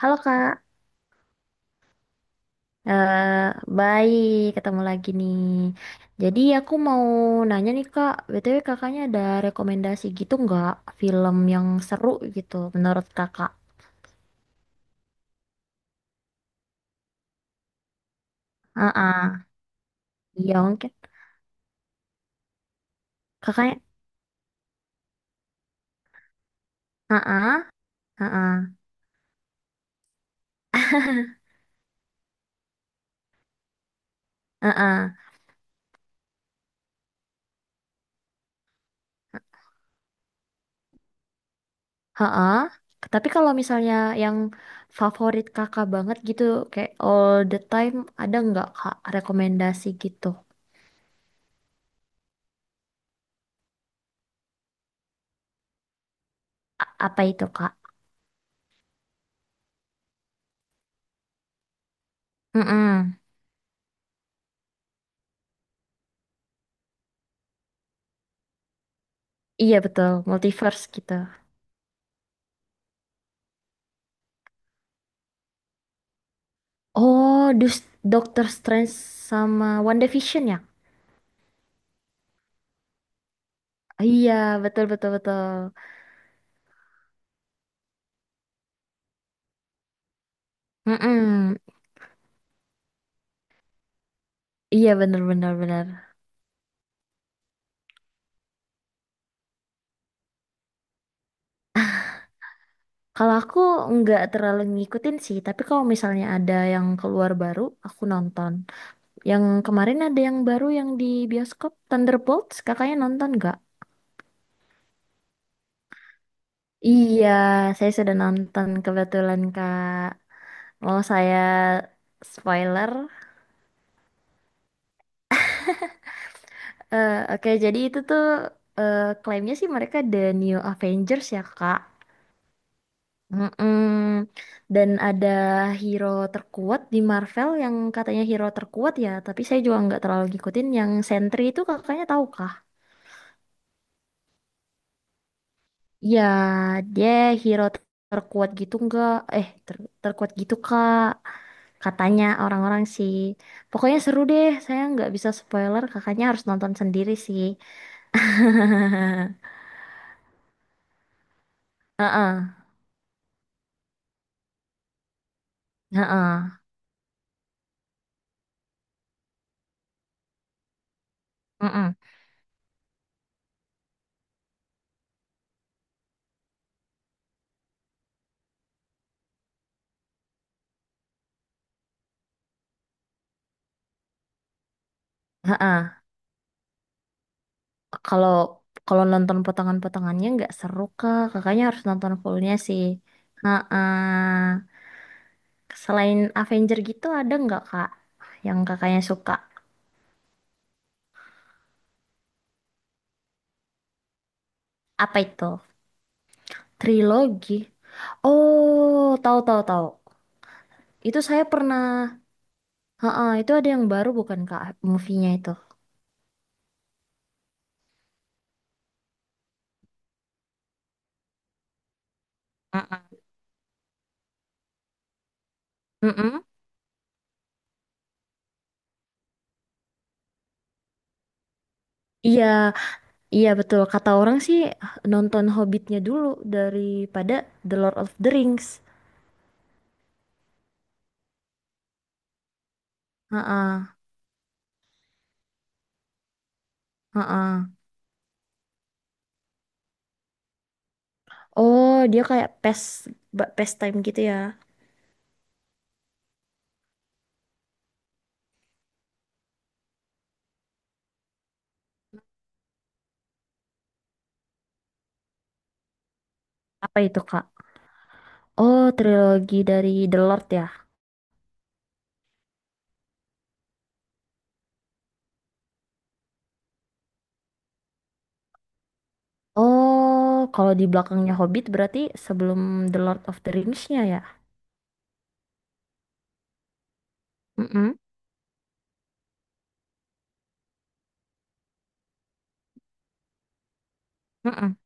Halo Kak, eh baik ketemu lagi nih. Jadi aku mau nanya nih Kak, BTW kakaknya ada rekomendasi gitu nggak film yang seru gitu menurut kakak? Heeh, iya mungkin. Kakaknya, heeh, heeh, heeh, heeh. Tapi kalau misalnya yang favorit kakak banget gitu, kayak all the time, ada nggak Kak rekomendasi gitu? Apa itu Kak? Mm-mm. Iya betul, multiverse gitu. Oh, Doctor Strange sama WandaVision ya? Iya, betul betul betul. Mm-mm. Iya bener bener bener. Kalau aku nggak terlalu ngikutin sih, tapi kalau misalnya ada yang keluar baru, aku nonton. Yang kemarin ada yang baru yang di bioskop Thunderbolts, kakaknya nonton nggak? Iya, saya sudah nonton kebetulan Kak. Mau saya spoiler? Oke, jadi itu tuh klaimnya sih mereka The New Avengers ya Kak. Mm-mm. Dan ada hero terkuat di Marvel yang katanya hero terkuat ya, tapi saya juga nggak terlalu ngikutin yang Sentry itu kakaknya tahu kah? Ya, dia hero terkuat gitu nggak? Terkuat gitu kak? Katanya orang-orang sih. Pokoknya seru deh, saya nggak bisa spoiler, kakaknya harus nonton sendiri sih. Heeh, heeh, heeh, heeh. Kalau kalau nonton potongan-potongannya nggak seru kak. Kakaknya harus nonton fullnya sih. Nah, selain Avenger gitu ada nggak kak yang kakaknya suka? Apa itu? Trilogi. Oh, tahu tahu tahu. Itu saya pernah. Heeh, itu ada yang baru bukan kak? Movie-nya itu. Mm-mm. Mm-mm. Iya, iya betul. Kata orang sih nonton Hobbitnya dulu daripada The Lord of the Rings. Heeh, heeh. Oh, dia kayak past time gitu ya. Apa itu, Kak? Oh, trilogi dari The Lord ya. Oh, kalau di belakangnya Hobbit berarti sebelum The Lord of the Rings-nya ya. Mm-mm. Mm-mm.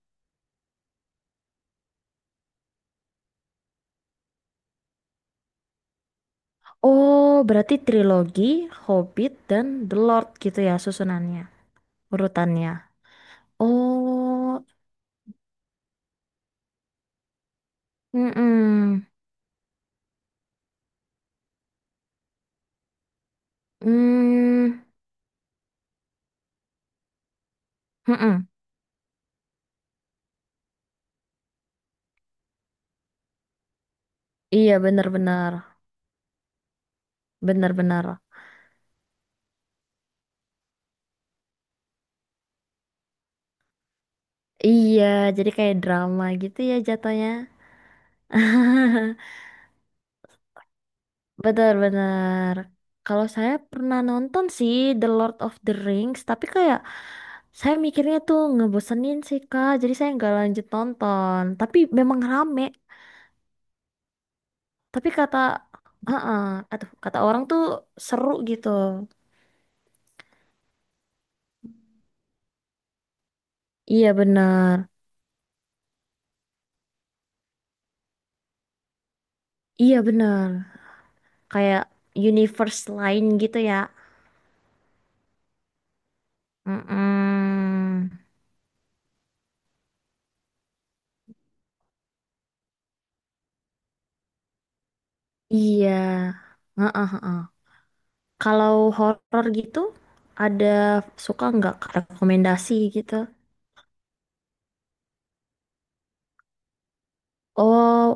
Oh, berarti trilogi Hobbit dan The Lord gitu ya susunannya, urutannya. Oh, mm-mm. Mm, mm-mm. Iya, benar-benar, benar-benar. Iya, jadi kayak drama gitu ya jatuhnya. Benar-benar. Kalau saya pernah nonton sih The Lord of the Rings, tapi kayak saya mikirnya tuh ngebosenin sih Kak, jadi saya nggak lanjut nonton. Tapi memang rame. Tapi kata, ah, Aduh, kata orang tuh seru gitu. Iya benar, iya benar. Kayak universe lain gitu ya. Mm-mm. Iya. Heeh. Kalau horror gitu, ada suka nggak rekomendasi gitu? Oh.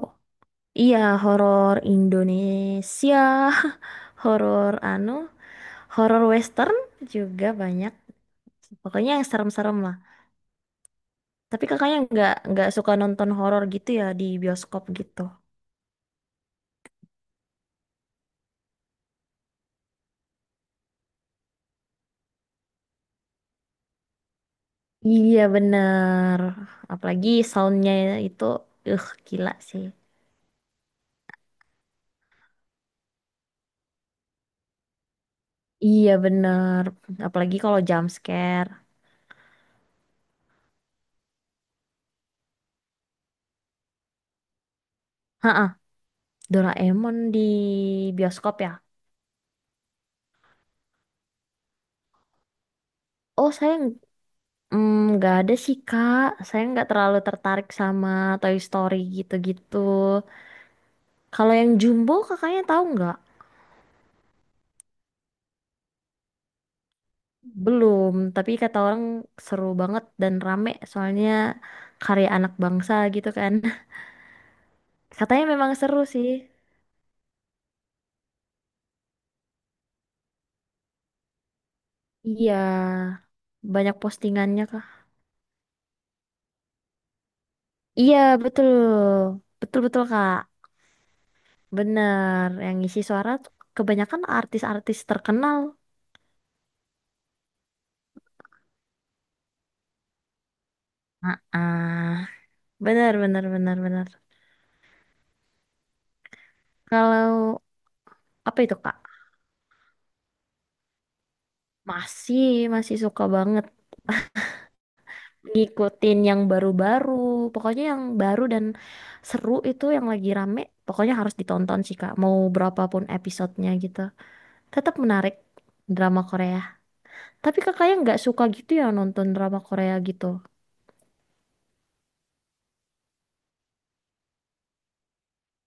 Iya, horor Indonesia, horor anu, horor Western juga banyak. Pokoknya yang serem-serem lah. Tapi kakaknya nggak suka nonton horor gitu ya di bioskop gitu. Iya bener. Apalagi soundnya itu, gila sih. Iya bener. Apalagi kalau jump scare. Ha, Doraemon di bioskop ya. Oh, nggak ada sih Kak, saya nggak terlalu tertarik sama Toy Story gitu-gitu. Kalau yang Jumbo kakaknya tahu nggak? Belum, tapi kata orang seru banget dan rame soalnya karya anak bangsa gitu kan. Katanya memang seru sih. Iya, banyak postingannya Kak. Iya, betul. Betul-betul Kak. Bener, yang ngisi suara tuh kebanyakan artis-artis terkenal. Ah, bener, bener, bener, bener. Kalau apa itu Kak? Masih, masih suka banget ngikutin yang baru-baru. Pokoknya yang baru dan seru itu yang lagi rame, pokoknya harus ditonton sih Kak. Mau berapapun episodenya gitu. Tetap menarik drama Korea. Tapi kakaknya nggak suka gitu ya nonton drama Korea gitu.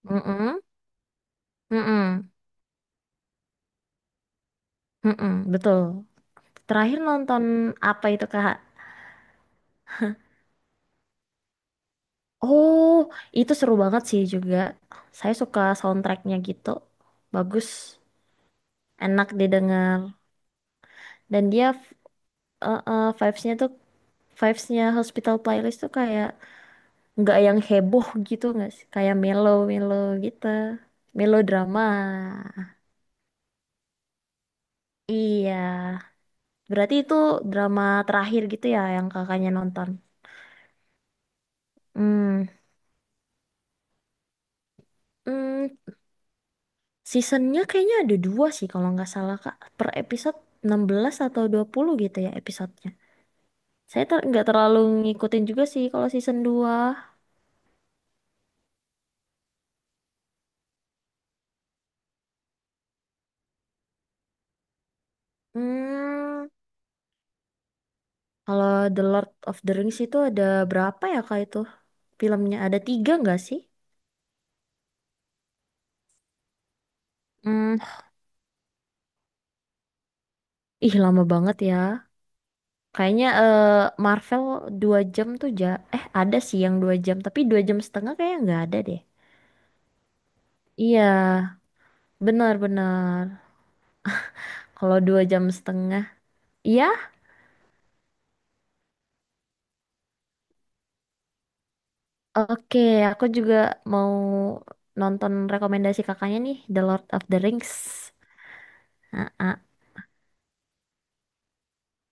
Mm-mm, mm-mm, mm-mm, betul. Terakhir nonton apa itu Kak? Oh, itu seru banget sih juga. Saya suka soundtracknya gitu. Bagus, enak didengar. Dan dia eh, eh, vibes-nya tuh vibes-nya Hospital Playlist tuh kayak nggak yang heboh gitu nggak sih? Kayak mellow-mellow gitu. Melodrama. Iya. Berarti itu drama terakhir gitu ya yang kakaknya nonton. Hmm. Hmm, seasonnya kayaknya ada dua sih kalau nggak salah Kak. Per episode 16 atau 20 gitu ya episodenya. Saya nggak terlalu ngikutin juga sih kalau season dua. Hmm. Kalau The Lord of the Rings itu ada berapa ya kak itu? Filmnya ada tiga nggak sih? Hmm, ih lama banget ya. Kayaknya Marvel 2 jam tuh. Ada sih yang 2 jam, tapi 2,5 jam kayaknya nggak ada deh. Iya, benar-benar. Kalau 2,5 jam, iya. Oke, aku juga mau nonton rekomendasi kakaknya nih, The Lord of the Rings. Ah, ah.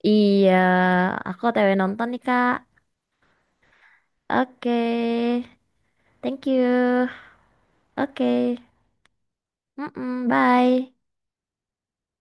Iya, aku TW nonton nih kak. Oke, thank you. Oke, Mm-mm, bye.